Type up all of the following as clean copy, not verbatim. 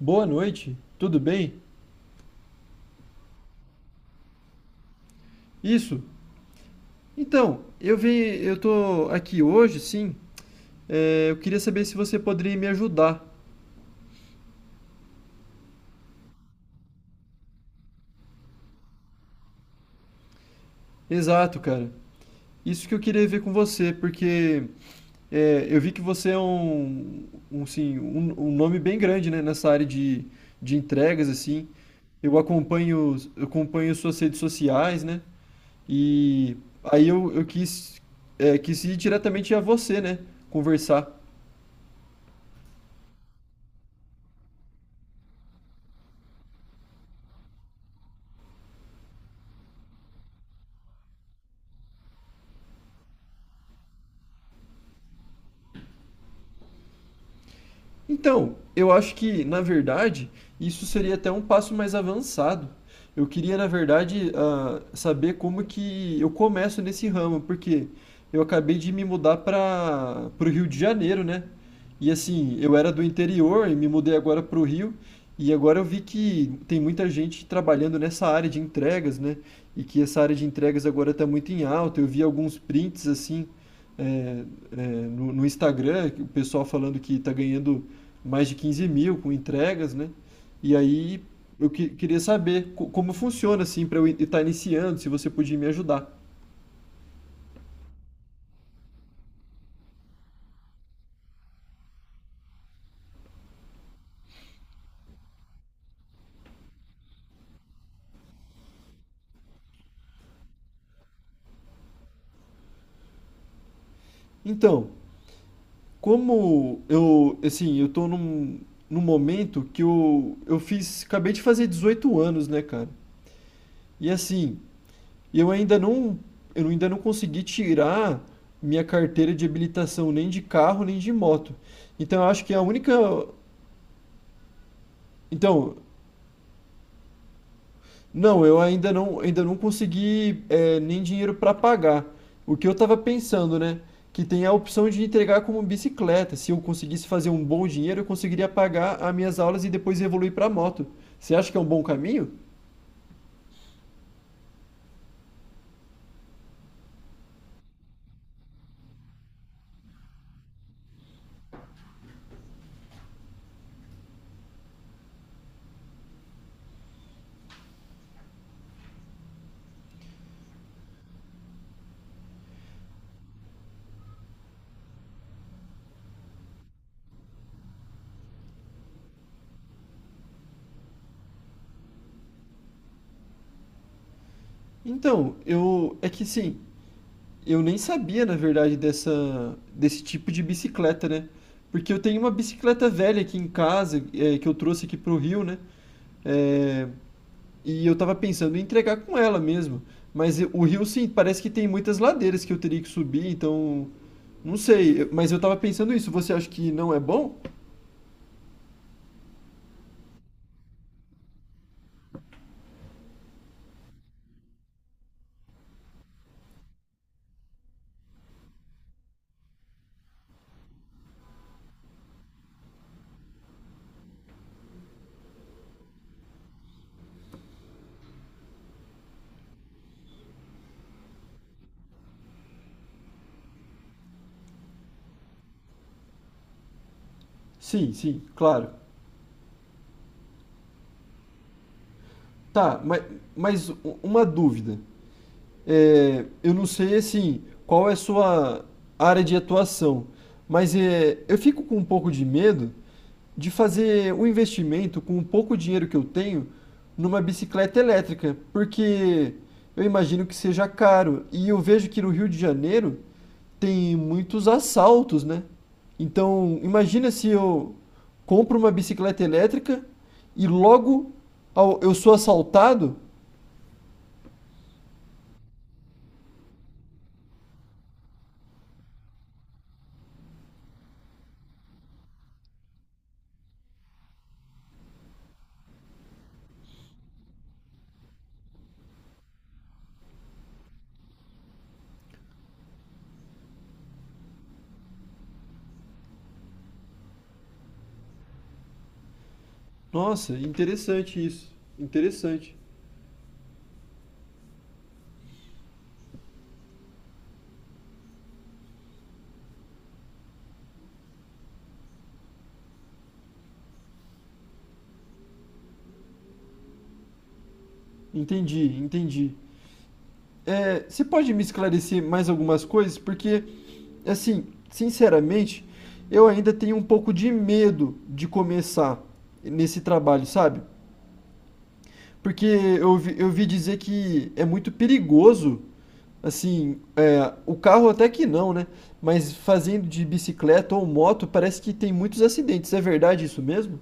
Boa noite, tudo bem? Isso. Então, eu tô aqui hoje, sim. Eu queria saber se você poderia me ajudar. Exato, cara. Isso que eu queria ver com você, porque eu vi que você é sim, um nome bem grande, né, nessa área de entregas, assim. Eu acompanho suas redes sociais, né? E aí eu quis ir diretamente a você, né? Conversar. Então, eu acho que, na verdade, isso seria até um passo mais avançado. Eu queria, na verdade, saber como que eu começo nesse ramo, porque eu acabei de me mudar para o Rio de Janeiro, né? E assim, eu era do interior e me mudei agora para o Rio, e agora eu vi que tem muita gente trabalhando nessa área de entregas, né? E que essa área de entregas agora está muito em alta. Eu vi alguns prints assim, é, no Instagram, que o pessoal falando que está ganhando mais de 15 mil com entregas, né? E aí eu queria saber como funciona assim para eu estar iniciando, se você podia me ajudar. Então, como eu, assim, eu tô num, momento que eu acabei de fazer 18 anos, né, cara? E assim, eu ainda não, eu ainda não consegui tirar minha carteira de habilitação nem de carro, nem de moto. Então, eu acho que a única, então. Não, eu ainda não consegui, nem dinheiro para pagar. O que eu estava pensando, né? Que tem a opção de entregar como bicicleta. Se eu conseguisse fazer um bom dinheiro, eu conseguiria pagar as minhas aulas e depois evoluir para moto. Você acha que é um bom caminho? Então, eu é que sim, eu nem sabia, na verdade, dessa desse tipo de bicicleta, né? Porque eu tenho uma bicicleta velha aqui em casa, que eu trouxe aqui pro Rio, né? É, E eu tava pensando em entregar com ela mesmo. Mas o Rio, sim, parece que tem muitas ladeiras que eu teria que subir, então. Não sei, mas eu tava pensando isso. Você acha que não é bom? Sim, sim, claro. Tá, mas, mas u- uma dúvida. Eu não sei assim qual é a sua área de atuação, mas eu fico com um pouco de medo de fazer um investimento com o pouco dinheiro que eu tenho numa bicicleta elétrica, porque eu imagino que seja caro e eu vejo que no Rio de Janeiro tem muitos assaltos, né? Então, imagina se eu compro uma bicicleta elétrica e logo eu sou assaltado. Nossa, interessante isso. Interessante. Entendi, entendi. Você pode me esclarecer mais algumas coisas? Porque, assim, sinceramente, eu ainda tenho um pouco de medo de começar nesse trabalho, sabe? Porque eu vi dizer que é muito perigoso, assim, o carro até que não, né? Mas fazendo de bicicleta ou moto, parece que tem muitos acidentes. É verdade isso mesmo?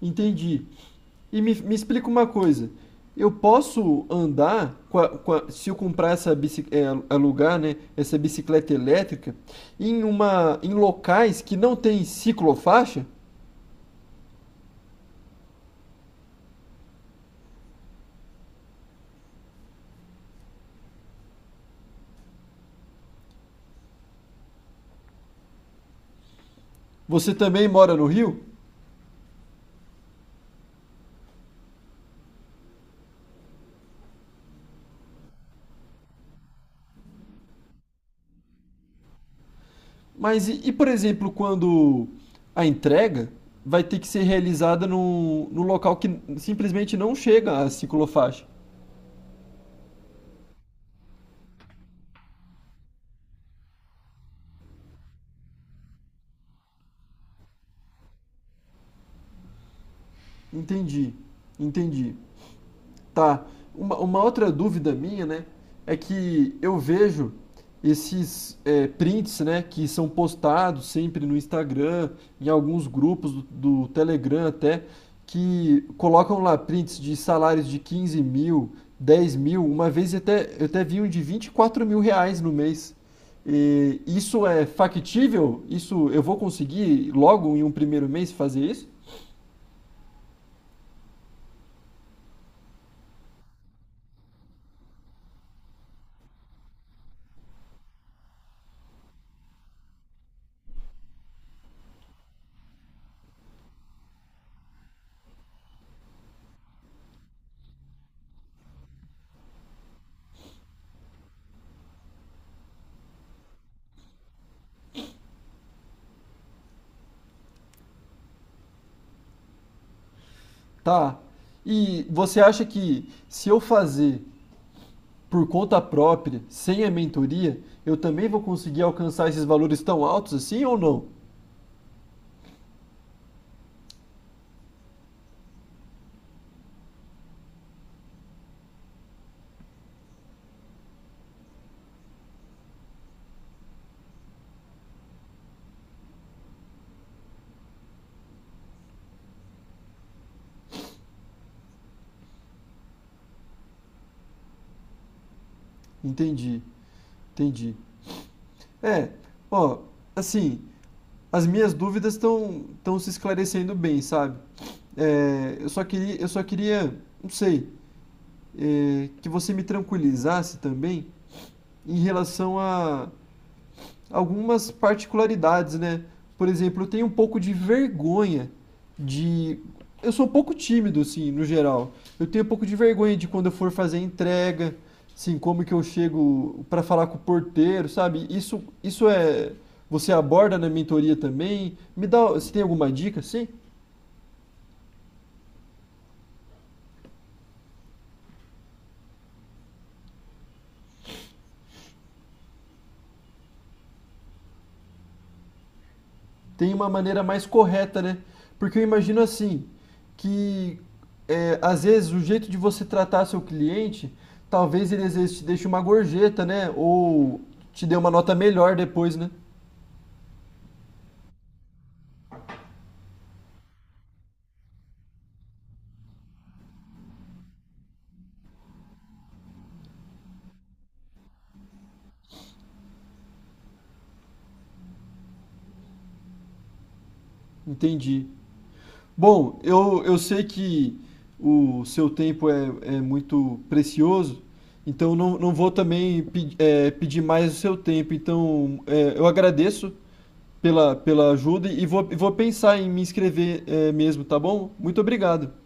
Entendi. E me explica uma coisa. Eu posso andar se eu comprar essa bicicleta, alugar, né, essa bicicleta elétrica em uma em locais que não tem ciclofaixa? Você também mora no Rio? Mas e, por exemplo, quando a entrega vai ter que ser realizada no, local que simplesmente não chega a ciclofaixa? Entendi. Entendi. Tá. Uma outra dúvida minha, né, é que eu vejo esses prints, né, que são postados sempre no Instagram, em alguns grupos do Telegram até, que colocam lá prints de salários de 15 mil, 10 mil, uma vez até, eu até vi um de 24 mil reais no mês. E isso é factível? Isso eu vou conseguir logo em um primeiro mês fazer isso? Tá. E você acha que se eu fazer por conta própria, sem a mentoria, eu também vou conseguir alcançar esses valores tão altos assim ou não? Entendi, entendi. É, ó, assim, as minhas dúvidas estão se esclarecendo bem, sabe? Eu só queria, não sei, que você me tranquilizasse também em relação a algumas particularidades, né? Por exemplo, eu tenho um pouco de vergonha de. Eu sou um pouco tímido, assim, no geral. Eu tenho um pouco de vergonha de quando eu for fazer entrega, assim, como que eu chego para falar com o porteiro, sabe? Isso é. Você aborda na mentoria também? Me dá. Você tem alguma dica, assim? Tem uma maneira mais correta, né? Porque eu imagino assim, que às vezes o jeito de você tratar seu cliente, talvez ele às vezes te deixe uma gorjeta, né? Ou te dê uma nota melhor depois, né? Entendi. Bom, eu sei que o seu tempo é muito precioso, então não vou também pedir mais o seu tempo. Então, eu agradeço pela ajuda e vou pensar em me inscrever, mesmo, tá bom? Muito obrigado.